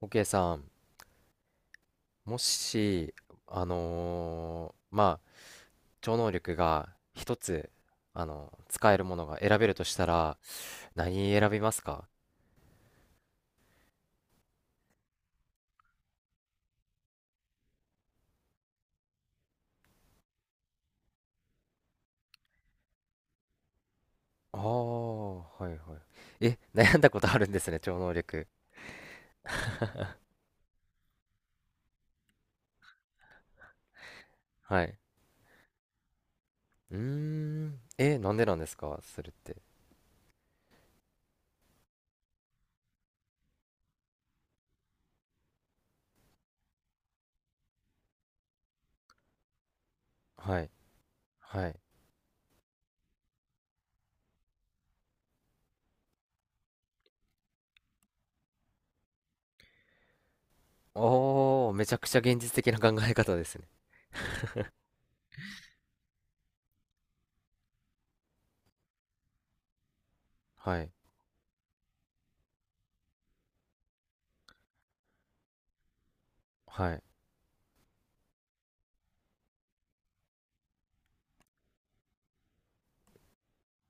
OK さん、もし、まあ、超能力が一つ、使えるものが選べるとしたら、何選びますか？ああー、はいはい。え、悩んだことあるんですね、超能力。はい。うーん、え、なんでなんですかそれって？はい、はい。おー、めちゃくちゃ現実的な考え方ですね。はい、はい。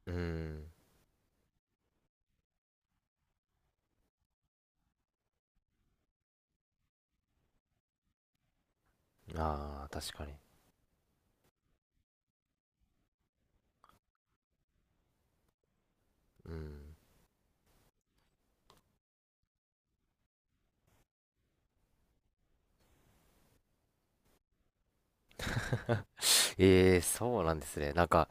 うーん、ああ、確かに。うん。ええーそうなんですね。なんか、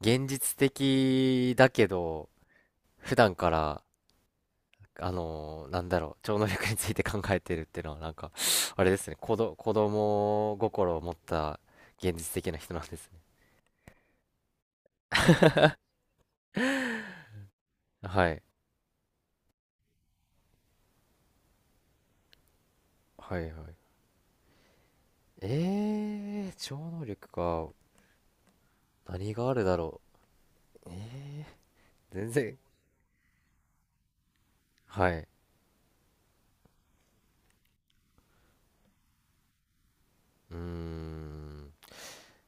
現実的だけど、普段から、なんだろう、超能力について考えてるっていうのは、なんか、あれですね、子供心を持った現実的な人なんですね。はい。はいはい。ええー超能力か。何があるだろう。ええー全然。はい。うーん。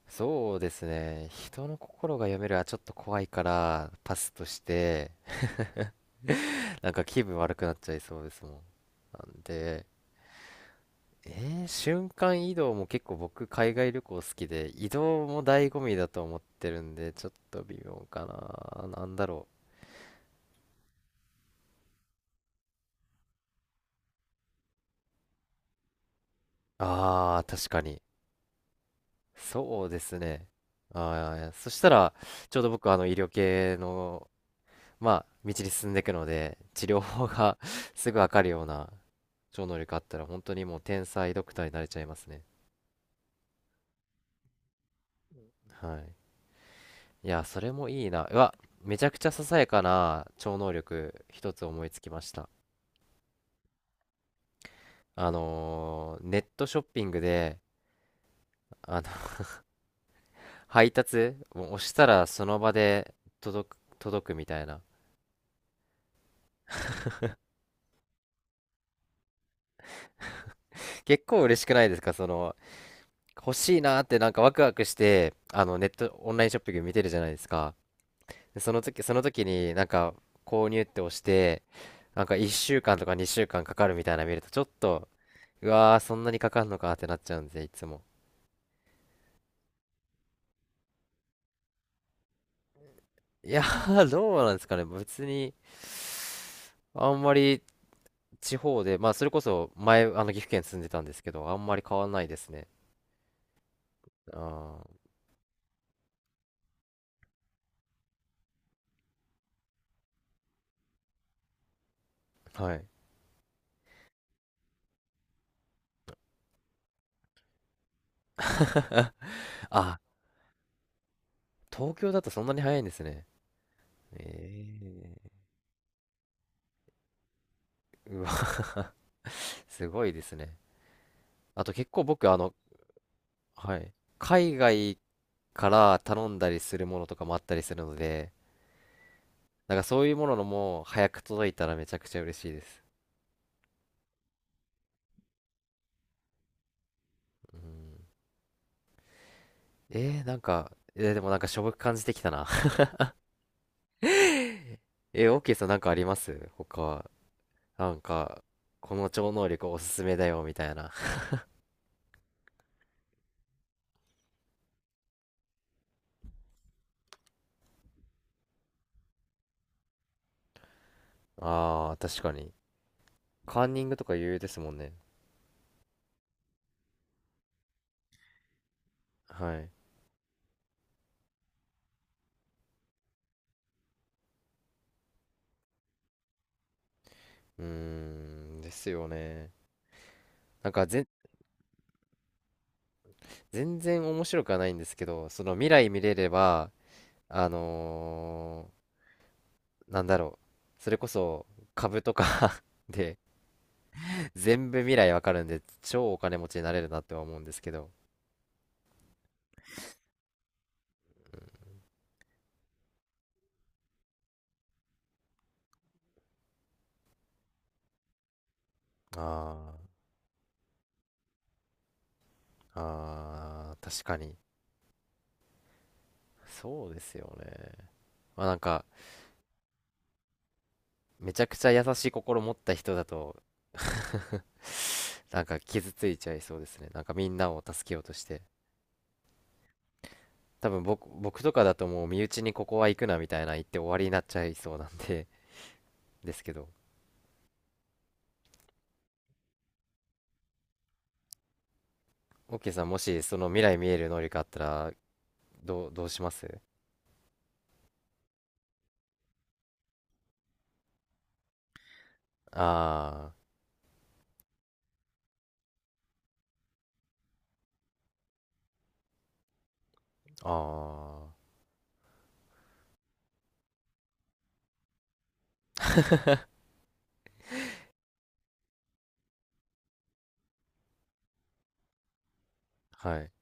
そうですね。人の心が読めるはちょっと怖いからパスとして、なんか気分悪くなっちゃいそうですもん。なんで、瞬間移動も結構僕海外旅行好きで、移動も醍醐味だと思ってるんで、ちょっと微妙かな。なんだろう。ああ、確かに。そうですね。ああ、そしたら、ちょうど僕医療系の、まあ、道に進んでいくので、治療法が すぐわかるような超能力あったら本当にもう天才ドクターになれちゃいますね。はい。いや、それもいいな。うわ、めちゃくちゃささやかな超能力一つ思いつきました。ネットショッピングで、あの 配達もう押したらその場で届く、届くみたいな。結構嬉しくないですかその、欲しいなーってなんかワクワクして、ネット、オンラインショッピング見てるじゃないですか。でその時、その時になんか購入って押して、なんか1週間とか2週間かんかかるみたいなの見るとちょっと、うわー、そんなにかかんのかってなっちゃうんで、いつも。いやー、どうなんですかね。別に、あんまり地方で、まあそれこそ前、岐阜県住んでたんですけど、あんまり変わんないですね。あー、はい。あ、東京だとそんなに早いんですね。ええー、うわ、すごいですね。あと結構僕、はい。海外から頼んだりするものとかもあったりするので、なんかそういうもののも早く届いたらめちゃくちゃ嬉しいです。うん。なんか、でもなんかしょぼく感じてきたな えオーケーさんなんかあります他は、なんか、この超能力おすすめだよみたいな。ああ、確かに。カンニングとか有用ですもんね。はい。うーん、ですよね。なんか全然面白くはないんですけど、その未来見れれば、あのなんだろう、それこそ株とか で全部未来わかるんで、超お金持ちになれるなって思うんですけど。あーあー、確かに。そうですよね。まあなんか、めちゃくちゃ優しい心持った人だと なんか傷ついちゃいそうですね。なんかみんなを助けようとして。多分僕とかだともう身内にここは行くなみたいな言って終わりになっちゃいそうなんで ですけど。オッケーさん、もしその未来見える能力あったら、どうします？ああ、ああ、はい。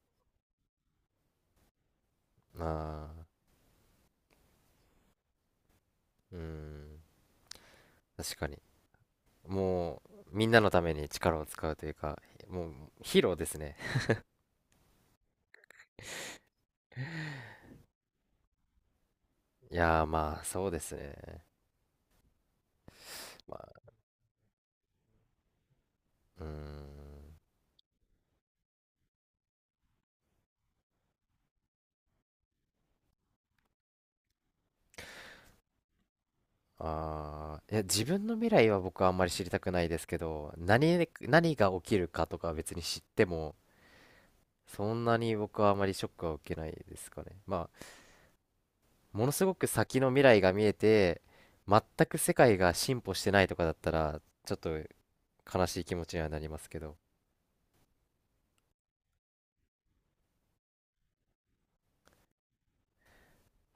ああ、うん。確かに。もう、みんなのために力を使うというか、もう、ヒーローですね。いやー、まあ、そうですね。まあ、うーん。ああ、いや、自分の未来は僕はあんまり知りたくないですけど、何が起きるかとかは別に知っても、そんなに僕はあまりショックは受けないですかね。まあ、ものすごく先の未来が見えて、全く世界が進歩してないとかだったら、ちょっと悲しい気持ちにはなりますけど、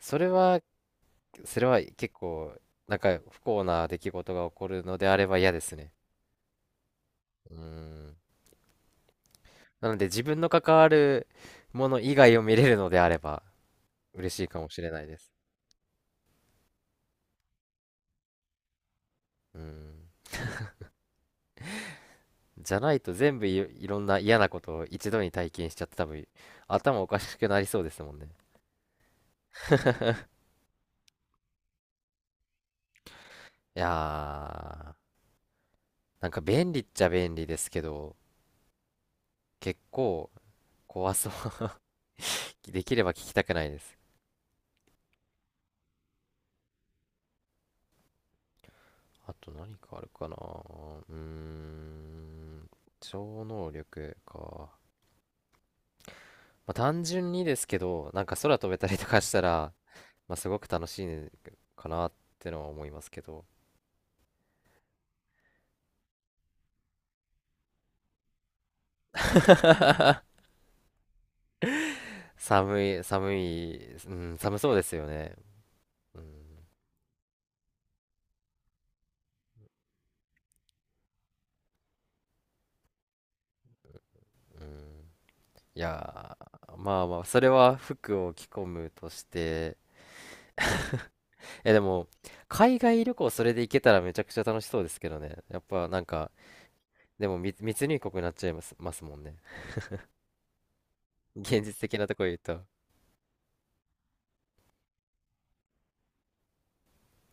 それは、それは結構、なんか不幸な出来事が起こるのであれば嫌ですね。うーん。なので自分の関わるもの以外を見れるのであれば嬉しいかもしれないです。うん。じゃないと全部いろんな嫌なことを一度に体験しちゃって多分頭おかしくなりそうですもんね。いやー。なんか便利っちゃ便利ですけど、結構怖そう。できれば聞きたくないです。あと何かあるかな。ーん、超能力か。まあ、単純にですけど、なんか空飛べたりとかしたら、まあ、すごく楽しいかなってのは思いますけど。寒い、寒い、うん、寒そうですよね。うん、うん。いやー、まあまあ、それは服を着込むとして、え、でも、海外旅行それで行けたらめちゃくちゃ楽しそうですけどね。やっぱなんか、でも密入国になっちゃいますもんね。現実的なとこ言うと。